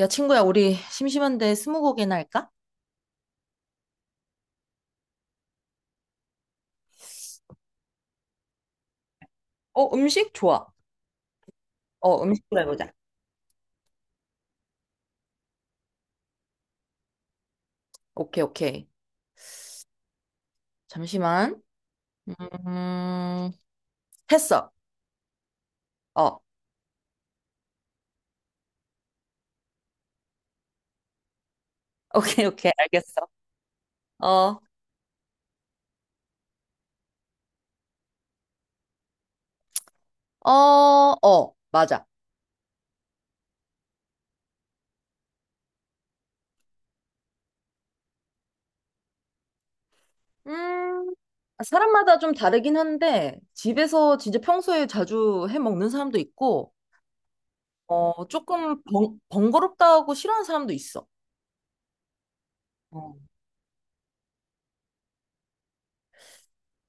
야, 친구야, 우리 심심한데 스무고개나 할까? 어, 음식 좋아. 어, 음식으로 해보자. 오케이, 오케이. 잠시만. 음, 했어. 어, 오케이, 오케이, 알겠어. 어, 어, 어, 맞아. 음, 사람마다 좀 다르긴 한데, 집에서 진짜 평소에 자주 해 먹는 사람도 있고, 어, 조금 번거롭다고 싫어하는 사람도 있어. 어,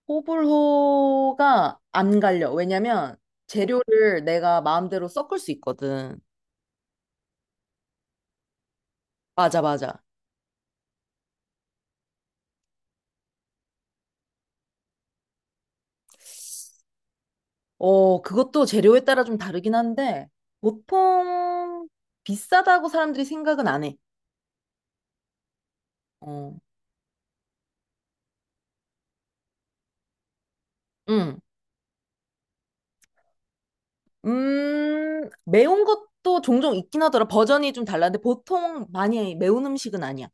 호불호가 안 갈려. 왜냐면, 재료를 내가 마음대로 섞을 수 있거든. 맞아, 맞아. 어, 그것도 재료에 따라 좀 다르긴 한데, 보통 비싸다고 사람들이 생각은 안 해. 어, 응. 매운 것도 종종 있긴 하더라. 버전이 좀 달라는데, 보통 많이 매운 음식은 아니야.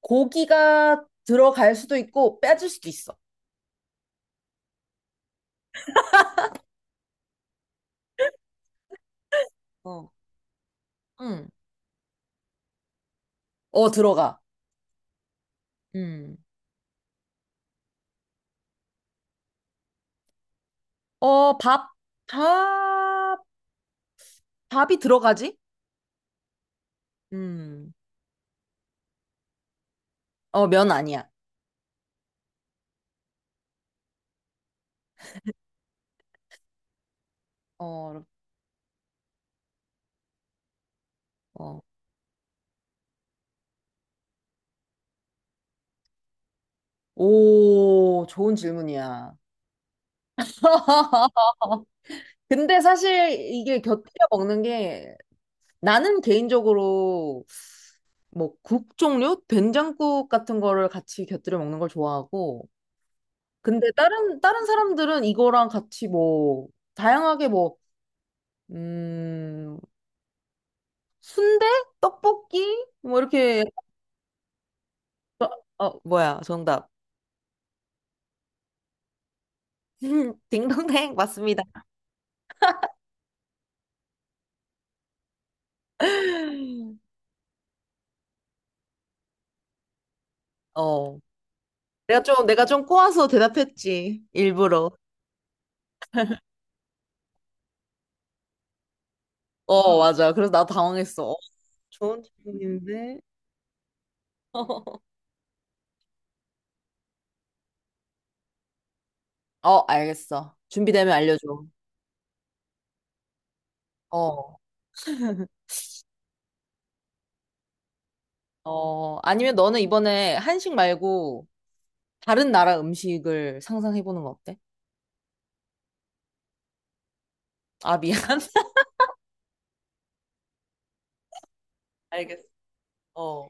고기가 들어갈 수도 있고, 빼질 수도 있어. 어. 응. 어, 들어가. 음. 어, 밥, 밥이 들어가지? 음. 어, 면 아니야. 어, 어. 오, 좋은 질문이야. 근데 사실 이게 곁들여 먹는 게 나는 개인적으로 뭐 국 종류, 된장국 같은 거를 같이 곁들여 먹는 걸 좋아하고 근데 다른 사람들은 이거랑 같이 뭐 다양하게 뭐 음, 순대, 떡볶이 뭐 이렇게 어 뭐야 정답. 딩동댕 맞습니다. 어 내가 좀 꼬아서 대답했지 일부러. 어 맞아. 그래서 나 당황했어. 어, 좋은 질문인데. 어, 알겠어. 준비되면 알려줘. 어, 어, 아니면 너는 이번에 한식 말고 다른 나라 음식을 상상해보는 거 어때? 아, 미안. 알겠어. 어.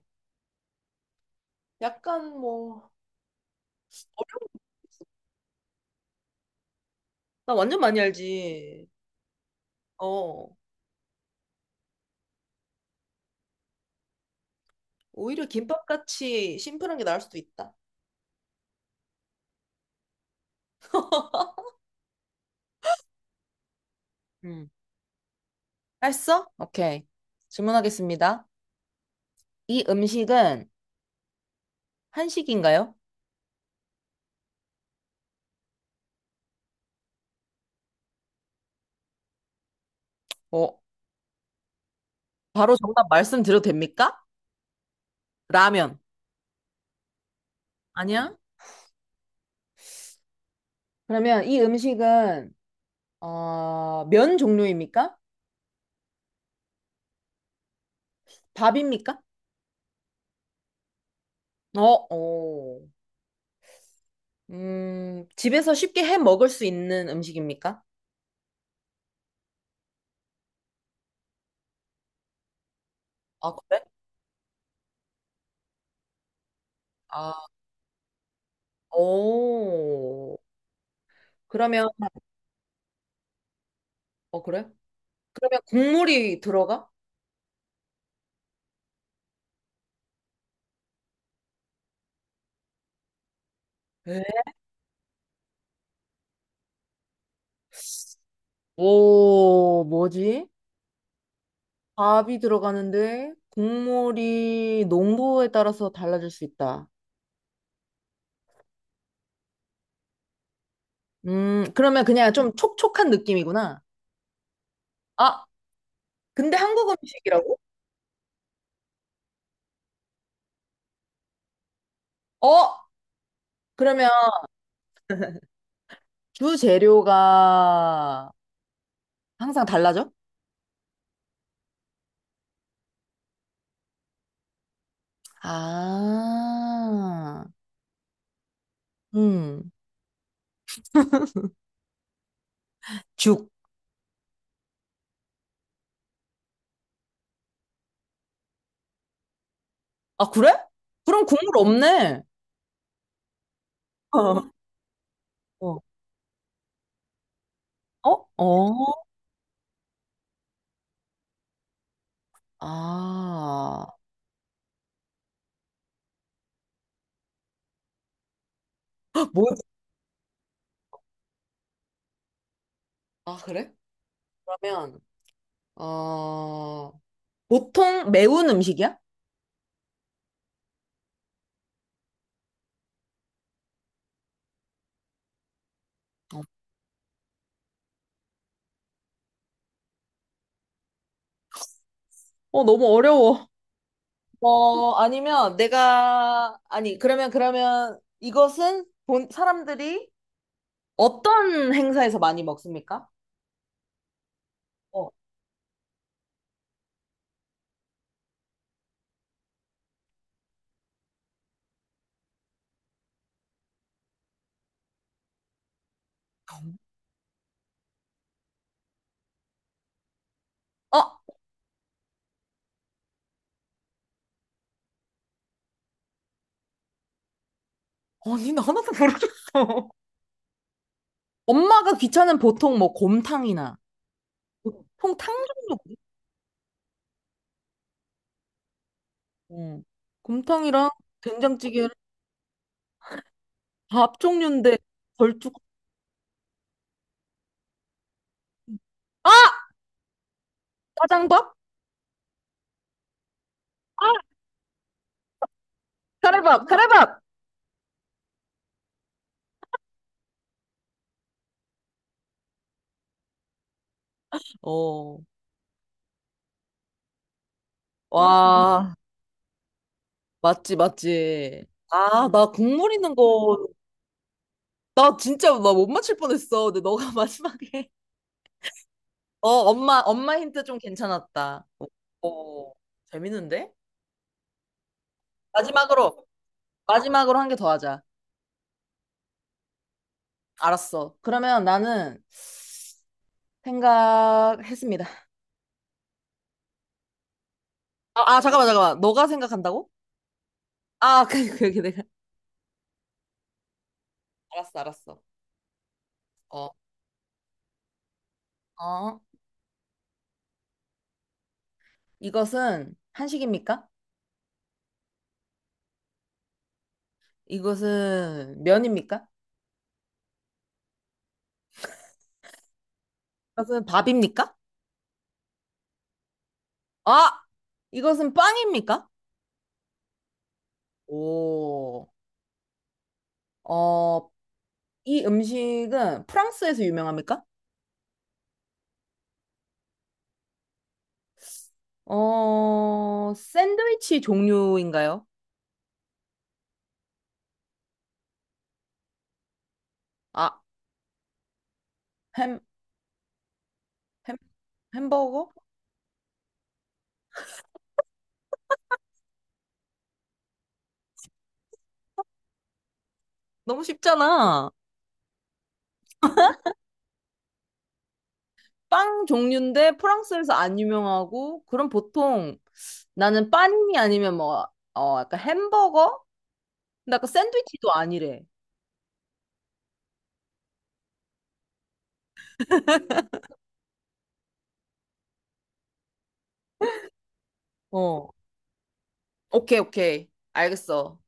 약간 뭐, 어려운, 나 완전 많이 알지. 어. 오히려 김밥같이 심플한 게 나을 수도 있다. 음. 했어? 오케이. 질문하겠습니다. 이 음식은 한식인가요? 어, 바로 정답 말씀드려도 됩니까? 라면. 아니야? 그러면 이 음식은 면 종류입니까? 밥입니까? 어, 어. 집에서 쉽게 해 먹을 수 있는 음식입니까? 아, 그래? 아, 오. 그러면 그래? 그러면 국물이 들어가? 에? 오, 뭐지? 밥이 들어가는데 국물이 농도에 따라서 달라질 수 있다. 그러면 그냥 좀 촉촉한 느낌이구나. 아, 근데 한국 음식이라고? 어, 그러면 주 재료가 항상 달라져? 아, 음, 죽. 아, 그래? 그럼 국물 없네. 어. 어, 어? 어? 아, 뭐지? 아, 그래? 그러면, 어, 보통 매운 음식이야? 어, 어, 너무 어려워. 어, 아니면 내가, 아니, 그러면 이것은 본 사람들이 어떤 행사에서 많이 먹습니까? 어, 어? 아니, 나 하나도 모르겠어. 엄마가 귀찮은 보통 뭐 곰탕이나 보통 탕 종류 그래? 어. 곰탕이랑 된장찌개랑 밥 종류인데 걸쭉 아! 짜장밥? 카레밥 카레밥. 어. 와 맞지 맞지. 아 나 국물 있는 거. 나 진짜 나 못 맞힐 뻔했어 근데 너가 마지막에 어 엄마 힌트 좀 괜찮았다. 어 재밌는데? 마지막으로 마지막으로 한 개 더 하자. 알았어. 그러면 나는 생각했습니다. 아, 아, 잠깐만, 잠깐만. 너가 생각한다고? 아, 내가. 알았어, 알았어. 어, 어. 이것은 한식입니까? 이것은 면입니까? 이것은 밥입니까? 아! 이것은 빵입니까? 오, 어, 이 음식은 프랑스에서 유명합니까? 샌드위치 종류인가요? 아, 햄, 햄, 햄버거? 너무 쉽잖아. 빵 종류인데 프랑스에서 안 유명하고 그럼 보통 나는 빵이 아니면 뭐 약간 햄버거? 근데 아까 샌드위치도 아니래. 어. 오케이 오케이 알겠어.